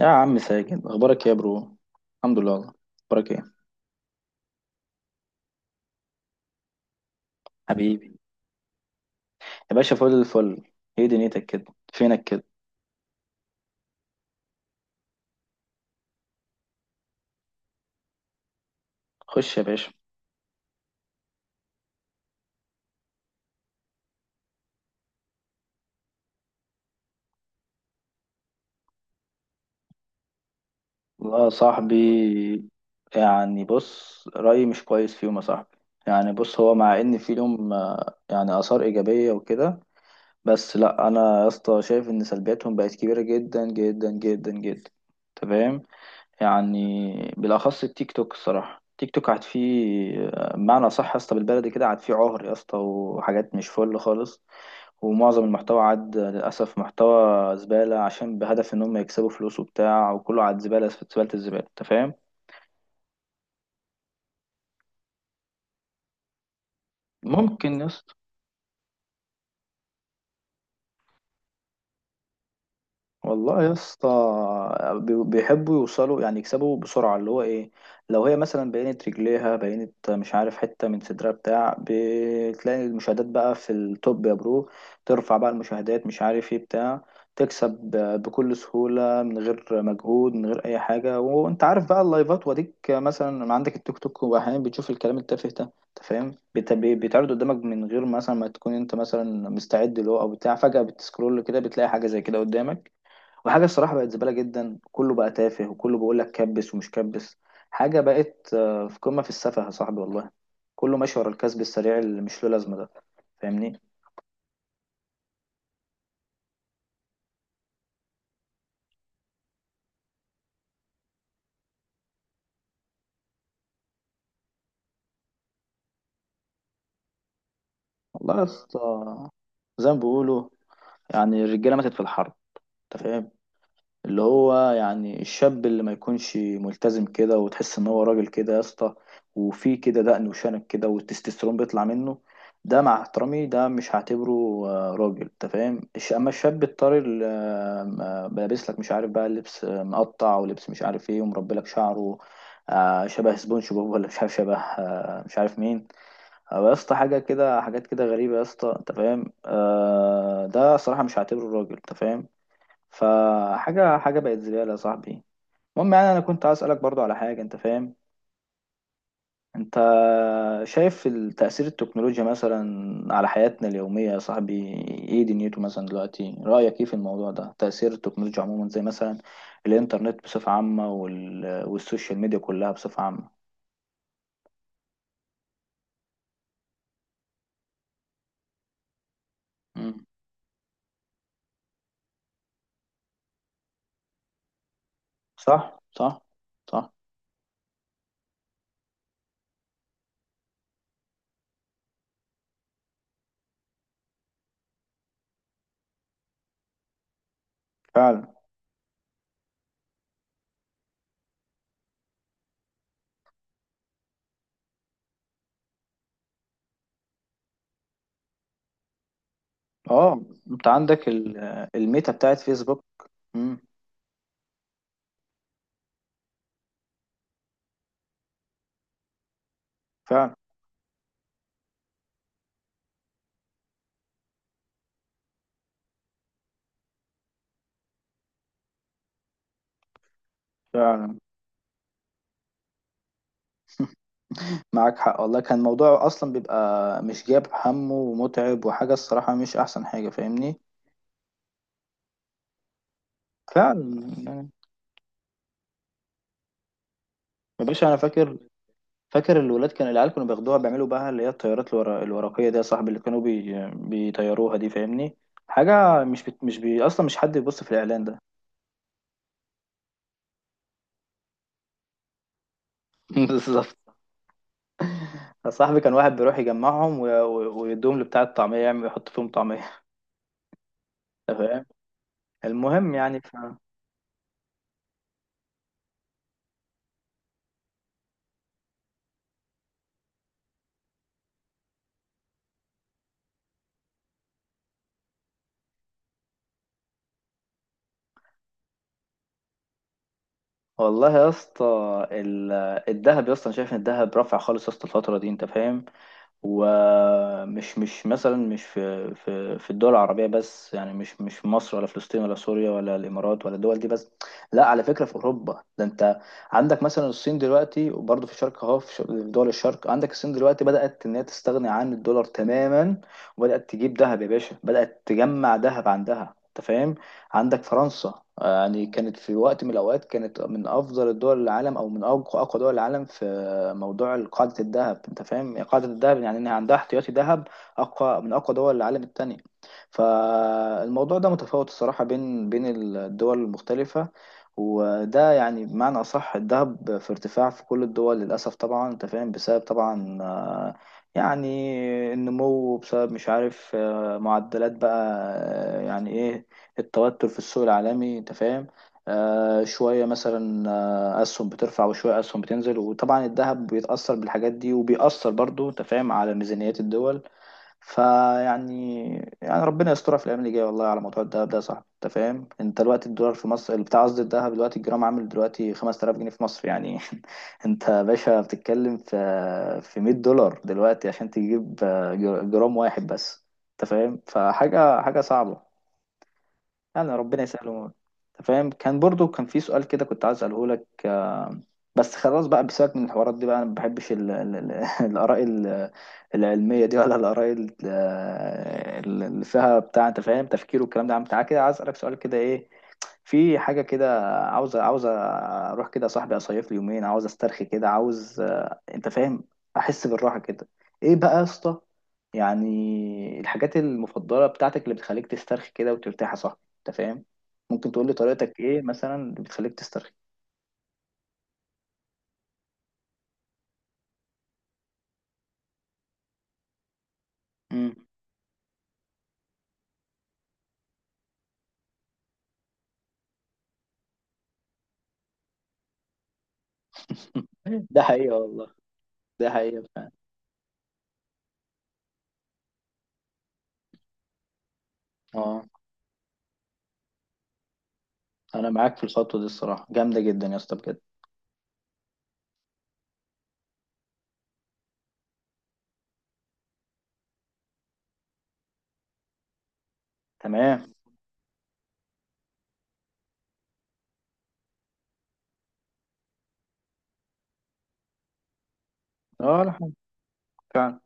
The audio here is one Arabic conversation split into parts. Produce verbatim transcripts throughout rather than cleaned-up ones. يا عم ساجد اخبارك إيه يا برو؟ الحمد لله والله. اخبارك ايه حبيبي؟ يا باشا فل الفل. ايه دنيتك كده؟ فينك كده؟ خش يا باشا. والله يا صاحبي، يعني بص، رأيي مش كويس فيهم يا صاحبي. يعني بص، هو مع ان في لهم آه، يعني آثار إيجابية وكده، بس لا، انا يا اسطى شايف ان سلبياتهم بقت كبيرة جدا جدا جدا جدا. تمام. يعني بالاخص التيك توك، الصراحه التيك توك قعد فيه، بمعنى صح يا اسطى بالبلدي كده، قعد فيه عهر يا اسطى وحاجات مش فل خالص. ومعظم المحتوى عاد للاسف محتوى زباله، عشان بهدف ان هم يكسبوا فلوس وبتاع، وكله عاد زباله في زباله الزباله، انت فاهم. ممكن يا اسطى. والله يا اسطى بي- بيحبوا يوصلوا، يعني يكسبوا بسرعة، اللي هو ايه، لو هي مثلا بينت رجليها، بينت مش عارف حتة من صدرها بتاع، بتلاقي المشاهدات بقى في التوب يا برو. ترفع بقى المشاهدات مش عارف ايه بتاع، تكسب ب- بكل سهولة من غير مجهود، من غير أي حاجة. وأنت عارف بقى اللايفات، وأديك مثلا عندك التيك توك، وأحيانا بتشوف الكلام التافه ده أنت فاهم، بت- بيتعرض قدامك من غير مثلا ما تكون أنت مثلا مستعد له أو بتاع، فجأة بتسكرول كده بتلاقي حاجة زي كده قدامك. وحاجة الصراحة بقت زبالة جدا، كله بقى تافه، وكله بيقول لك كبس ومش كبس. حاجة بقت آه، في قمة في السفه يا صاحبي، والله. كله ماشي ورا الكسب السريع اللي مش له لازمة ده، فاهمني. والله يا اسطى، زي ما بيقولوا، يعني الرجالة ماتت في الحرب، انت فاهم. اللي هو يعني الشاب اللي ما يكونش ملتزم كده، وتحس ان هو راجل كده يا اسطى، وفي كده دقن وشنب كده والتستوستيرون بيطلع منه، ده مع احترامي ده مش هعتبره آه، راجل، انت فاهم. الش- اما الشاب الطري اللي آه، م- لابس لك مش عارف بقى لبس آه، مقطع، ولبس مش عارف ايه، ومربي لك شعره آه، شبه سبونج بوب، ولا مش عارف شبه آه، مش عارف مين، أو يا اسطى حاجه كده، حاجات كده غريبه يا اسطى انت فاهم، آه، ده صراحه مش هعتبره راجل، انت فاهم. فحاجة حاجة بقت زبالة يا صاحبي. المهم، يعني أنا كنت عايز أسألك برضو على حاجة أنت فاهم. أنت شايف ال- تأثير التكنولوجيا مثلا على حياتنا اليومية يا صاحبي؟ إيه دنيته مثلا دلوقتي، رأيك إيه في الموضوع ده، تأثير التكنولوجيا عموما زي مثلا الإنترنت بصفة عامة، وال... والسوشيال ميديا كلها بصفة عامة. مم. صح صح. صح. فعلا. اه، انت عندك ال- الميتا بتاعت فيسبوك. مم. فعلا. فعلا. معاك حق والله، كان الموضوع اصلا بيبقى مش جاب همه ومتعب، وحاجه الصراحه مش احسن حاجه، فاهمني. فعلا يعني. يا باشا انا فاكر، فاكر الولاد، كان العيال كانوا بياخدوها، بيعملوا بقى اللي هي الطيارات الورق الورقيه دي يا صاحبي، اللي كانوا بي... بيطيروها دي فاهمني. حاجه مش بت... مش بي... اصلا مش حد يبص في الاعلان ده. بالظبط. يا صاحبي كان واحد بيروح يجمعهم و... و... ويدوهم لبتاع الطعميه، يعمل يحط فيهم طعميه. أنت فاهم. المهم يعني ف... والله يا اسطى، ال- الذهب يا اسطى، انا شايف ان الذهب رافع خالص يا اسطى الفتره دي، انت فاهم. ومش مش مثلا مش في في في الدول العربيه بس، يعني مش مش في مصر ولا فلسطين ولا سوريا ولا الامارات ولا الدول دي بس. لا، على فكره في اوروبا، ده انت عندك مثلا الصين دلوقتي، وبرضه في الشرق اهو، في ش- في دول الشرق، عندك الصين دلوقتي بدات ان هي تستغني عن الدولار تماما، وبدات تجيب ذهب يا باشا، بدات تجمع ذهب عندها، انت فاهم. عندك فرنسا، آه، يعني كانت في وقت من الأوقات كانت من أفضل الدول العالم، أو من أقوى أقوى دول العالم في موضوع قاعدة الذهب، أنت فاهم قاعدة الذهب، يعني إنها عندها احتياطي ذهب أقوى من أقوى دول العالم التانية. فالموضوع ده متفاوت الصراحة بين بين الدول المختلفة. وده يعني بمعنى أصح الذهب في ارتفاع في كل الدول للأسف طبعا، أنت فاهم، بسبب طبعا آه، يعني النمو، بسبب مش عارف آه، معدلات بقى، آه، يعني إيه، التوتر في السوق العالمي انت فاهم. آه شوية مثلا آه، أسهم بترفع، وشوية أسهم بتنزل، وطبعا الذهب بيتأثر بالحاجات دي، وبيأثر برضو انت فاهم على ميزانيات الدول. فيعني، يعني ربنا يسترها في الأيام اللي جاية والله على موضوع الذهب ده يا صاحبي، انت فاهم. انت دلوقتي الدولار في مصر اللي بتاع، قصدي الذهب دلوقتي الجرام عامل دلوقتي خمس آلاف جنيه في مصر يعني. انت يا باشا بتتكلم في في مية دولار دلوقتي عشان تجيب آه، جرام واحد بس، انت فاهم. فحاجة حاجة صعبة، يعني ربنا يسهله، انت فاهم. كان برضو كان في سؤال كده كنت عايز اساله لك آه، بس خلاص بقى، بسيبك من الحوارات دي بقى، انا ما بحبش ال- ال- ال- الاراء ال- العلميه دي، ولا الاراء ال- اللي فيها بتاع انت فاهم تفكير والكلام ده. عم تعالى كده، عايز اسالك سؤال كده ايه، في حاجة كده، عاوز عاوز أروح كده يا صاحبي، أصيف لي يومين، عاوز أسترخي كده، عاوز آه، أنت فاهم، أحس بالراحة كده. إيه بقى يا اسطى؟ يعني الحاجات المفضلة بتاعتك اللي بتخليك تسترخي كده وترتاح يا صاحبي، أنت فاهم. ممكن تقول لي طريقتك إيه مثلا اللي بتخليك تسترخي؟ مم. ده حقيقة والله. ده حقيقة فعلا. أه، أنا معاك في الخطوة دي، الصراحة جامدة جدا يا اسطى بجد. تمام. أه، لا حاجة. فعلا.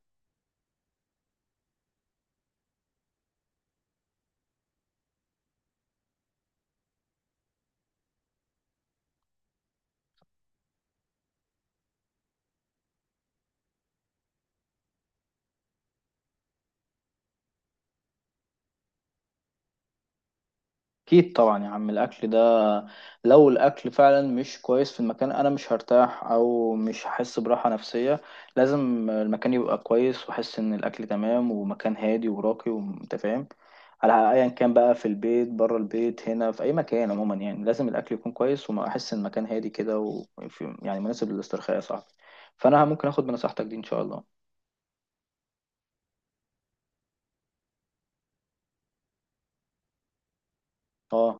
اكيد طبعا يا عم، الاكل ده لو الاكل فعلا مش كويس في المكان انا مش هرتاح، او مش هحس براحه نفسيه. لازم المكان يبقى كويس، واحس ان الاكل تمام، ومكان هادي وراقي، وانت فاهم. على ايا كان بقى، في البيت، بره البيت، هنا في اي مكان عموما، يعني لازم الاكل يكون كويس، واحس ان المكان هادي كده، وفي يعني مناسب للاسترخاء يا صاحبي. فانا ممكن اخد بنصيحتك دي ان شاء الله. اه.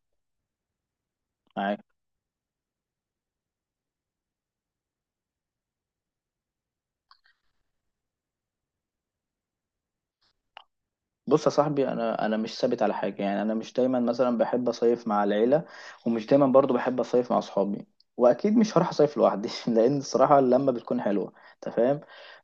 بص يا صاحبي، انا انا مش ثابت على حاجه، يعني انا مش دايما مثلا بحب اصيف مع العيله، ومش دايما برضو بحب اصيف مع اصحابي، واكيد مش هروح اصيف لوحدي. لان الصراحه اللمه بتكون حلوه، انت فاهم.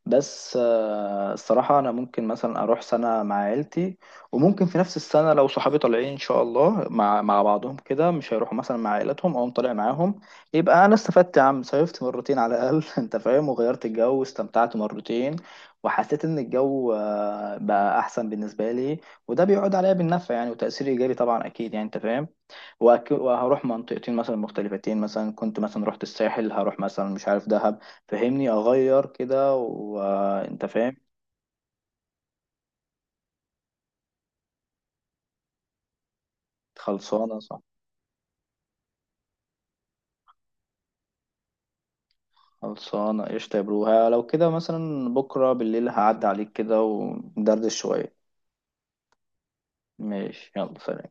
بس آه، الصراحه انا ممكن مثلا اروح سنه مع عيلتي، وممكن في نفس السنه لو صحابي طالعين ان شاء الله مع مع بعضهم كده، مش هيروحوا مثلا مع عائلتهم، او طالع معاهم. يبقى انا استفدت يا عم، صيفت مرتين على الاقل. انت فاهم، وغيرت الجو واستمتعت مرتين، وحسيت ان الجو آه، بقى احسن بالنسبه لي. وده بيعود عليا بالنفع يعني، وتاثير ايجابي طبعا اكيد يعني، انت فاهم. وأك- وهروح منطقتين مثلا مختلفتين، مثلا كنت مثلا رحت الساحل، هروح مثلا مش عارف دهب، فهمني اغير كده وانت فاهم. خلصانه صح. خلصانه قشطه يا برو. ها، لو كده مثلا بكره بالليل هعدي عليك كده، وندردش شويه. ماشي، يلا سلام.